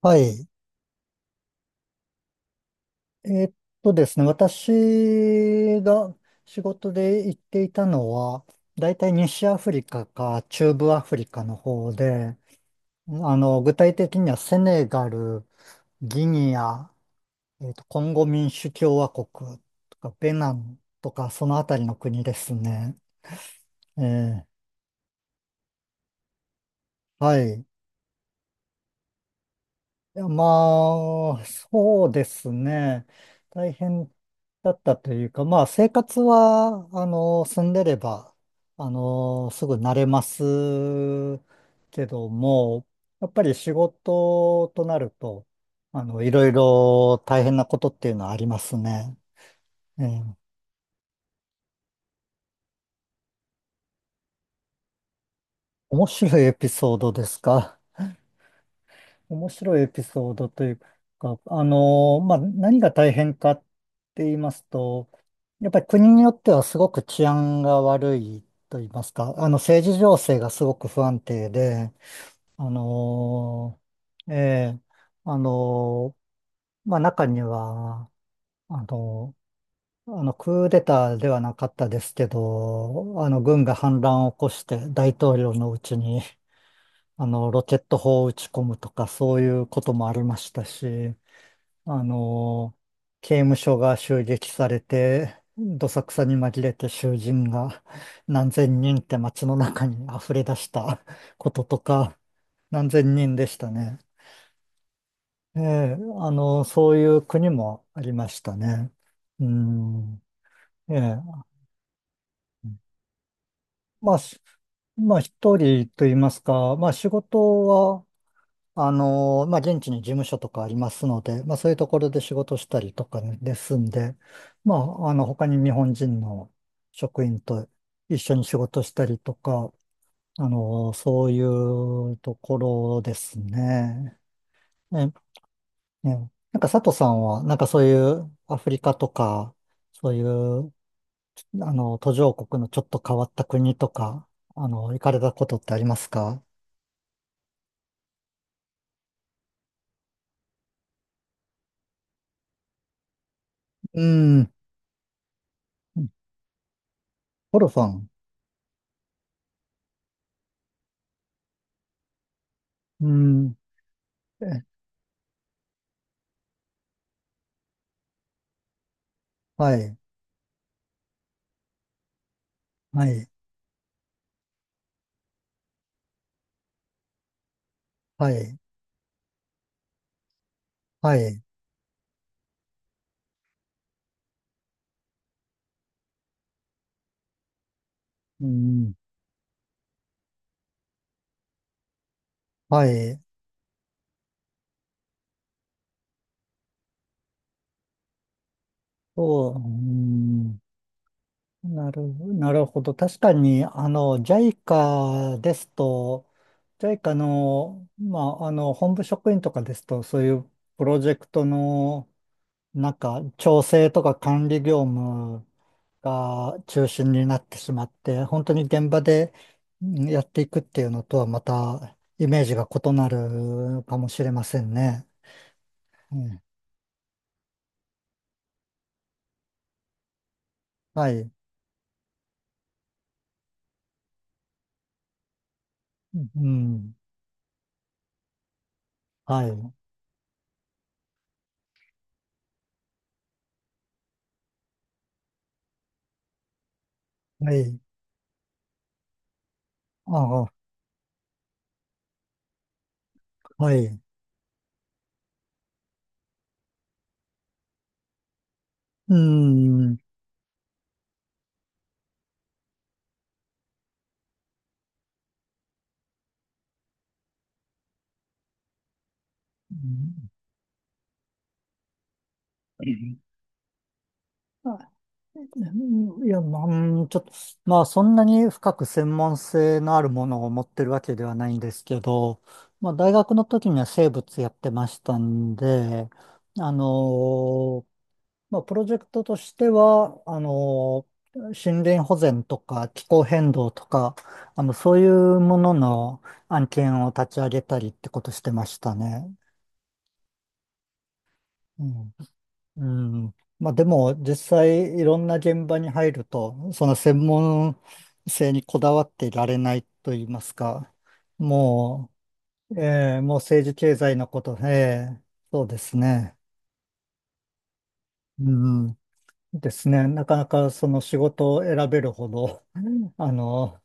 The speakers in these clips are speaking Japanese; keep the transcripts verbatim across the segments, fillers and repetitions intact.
はい。えーっとですね、私が仕事で行っていたのは、大体西アフリカか中部アフリカの方で、あの、具体的にはセネガル、ギニア、えーっと、コンゴ民主共和国とか、ベナンとか、そのあたりの国ですね。えー、はい。いや、まあ、そうですね。大変だったというか、まあ、生活は、あの、住んでれば、あの、すぐ慣れますけども、やっぱり仕事となると、あの、いろいろ大変なことっていうのはありますね。ええ、面白いエピソードですか？面白いエピソードというか、あの、まあ、何が大変かって言いますと、やっぱり国によってはすごく治安が悪いと言いますか、あの、政治情勢がすごく不安定で、あの、ええ、あの、まあ、中には、あの、あの、クーデターではなかったですけど、あの、軍が反乱を起こして大統領のうちに、あの、ロケット砲を撃ち込むとか、そういうこともありましたし、あの、刑務所が襲撃されて、どさくさに紛れて囚人が何千人って街の中に溢れ出したこととか、何千人でしたね。ええ、あの、そういう国もありましたね。うん、ええ、まあ、しまあ一人と言いますか、まあ仕事はあのーまあ、現地に事務所とかありますので、まあ、そういうところで仕事したりとかねですんで、まあ、あの、他に日本人の職員と一緒に仕事したりとか、あのーそういうところですね。ね、ね。なんか佐藤さんは、なんかそういうアフリカとか、そういう、あの、途上国のちょっと変わった国とか、あの、行かれたことってありますか？うん。ゴルファン。うん。え、はい。はい、はい、はい、うん、はい、そう、うん、なる、なるほど。確かに、あの、ジャイカ ですと、ジャイカ の、まあ、あの、本部職員とかですと、そういうプロジェクトの、なんか、調整とか管理業務が中心になってしまって、本当に現場でうんやっていくっていうのとは、また、イメージが異なるかもしれませんね。うん、はい。うん。はい。はい。ああ、はい。うん。うん、あ、いや、まあ、うん、ちょっと、まあ、そんなに深く専門性のあるものを持ってるわけではないんですけど、まあ、大学の時には生物やってましたんで、あのまあ、プロジェクトとしては、あの、森林保全とか気候変動とか、あの、そういうものの案件を立ち上げたりってことしてましたね。うん。うん。まあ、でも、実際いろんな現場に入ると、その専門性にこだわっていられないと言いますか、もう、えーもう政治経済のこと、えーそうですね。うん。ですね。なかなかその仕事を選べるほど、あの、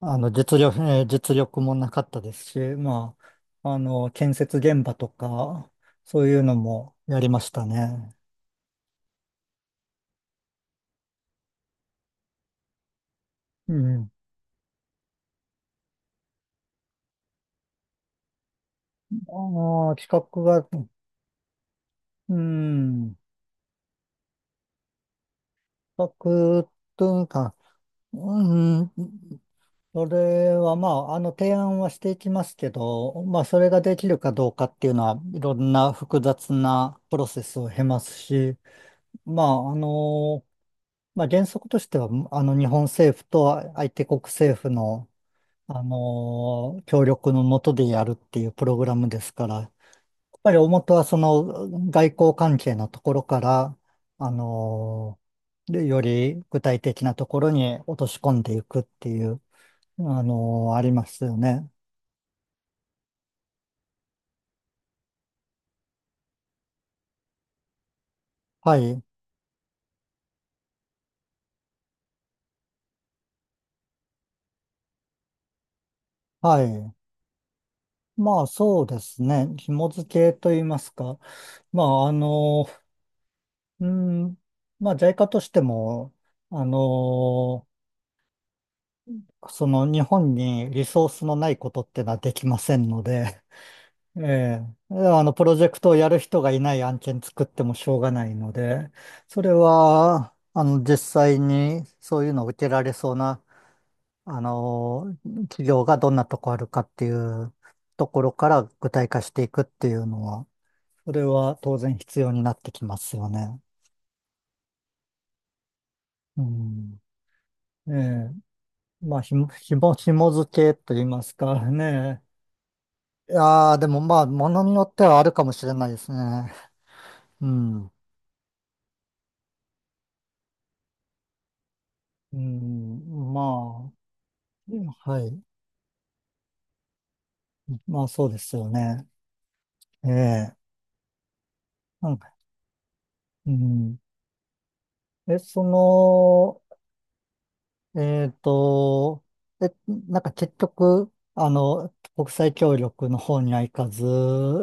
あの実力、えー実力もなかったですし、まあ、あの、建設現場とか、そういうのもやりましたね。うん。ああ、企画が、うん、企画というか、うん、それはまあ、あの、提案はしていきますけど、まあ、それができるかどうかっていうのは、いろんな複雑なプロセスを経ますし、まあ、あのまあ、原則としては、あの、日本政府と相手国政府の、あのー協力のもとでやるっていうプログラムですから、やっぱり大元はその外交関係のところから、あのーでより具体的なところに落とし込んでいくっていう、あのーありますよね。はい。はい。まあ、そうですね。紐付けといいますか。まあ、あのうん、まあ、在家としても、あのその日本にリソースのないことってのはできませんので、ええ、あの、プロジェクトをやる人がいない案件作ってもしょうがないので、それは、あの、実際にそういうのを受けられそうな、あの、企業がどんなとこあるかっていうところから具体化していくっていうのは、それは当然必要になってきますよね。うん。ええ、まあ、ひも、ひも、紐付けと言いますかね。いやー、でもまあ、ものによってはあるかもしれないですね。うん。うん、まあ、はい。まあ、そうですよね。ええ。なんか、うん。え、その、えっと、え、なんか結局、あの、国際協力の方には行かず、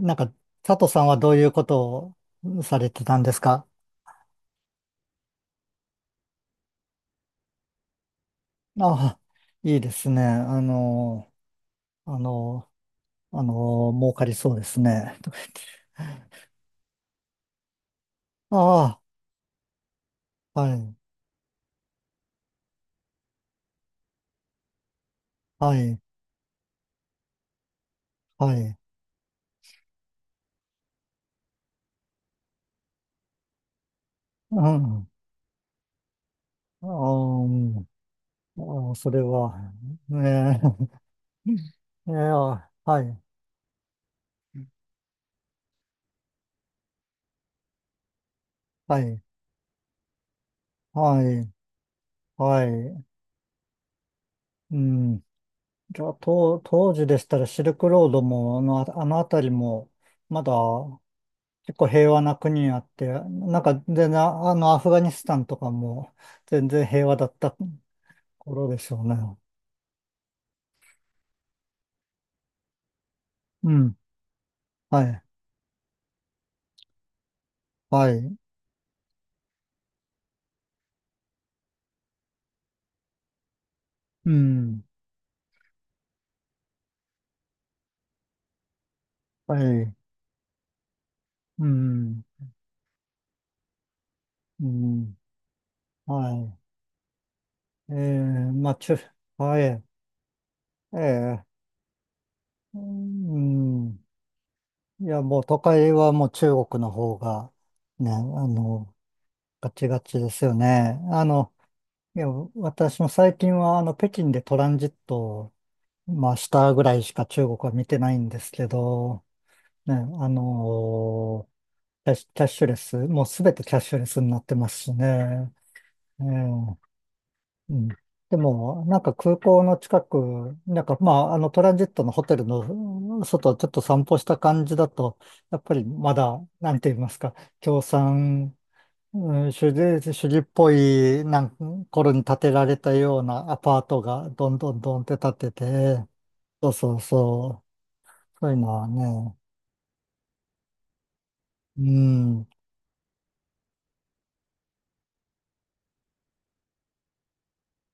なんか、佐藤さんはどういうことをされてたんですか？あ、いいですね。あの、あの、あの、儲かりそうですね。ああ。はい、はい、はい。うん。あー、うん、あー、それは、ねえ、いや、はい、はい、はい、はい。うん。じゃあ、当当時でしたらシルクロードも、あの、あの辺りも、まだ結構平和な国あって、なんか全然、あの、アフガニスタンとかも全然平和だった頃でしょうね。うん。はい、はい。うん。はい。うん。うん。はい。えー、まあ、中、はい。ええ、うん。いや、もう都会はもう中国の方が、ね、あの、ガチガチですよね。あの、いや、私も最近は、あの、北京でトランジットを、まあ、したぐらいしか中国は見てないんですけど、ね、あのキャッシュキャッシュレス、もうすべてキャッシュレスになってますしね。ええ、うん。でも、なんか空港の近く、なんかまあ、あのトランジットのホテルの外をちょっと散歩した感じだと、やっぱりまだ、なんて言いますか、共産、うん、主義、主義っぽいなん頃に建てられたようなアパートがどんどんどんって建ってて、そうそうそう、そういうのはね、うん。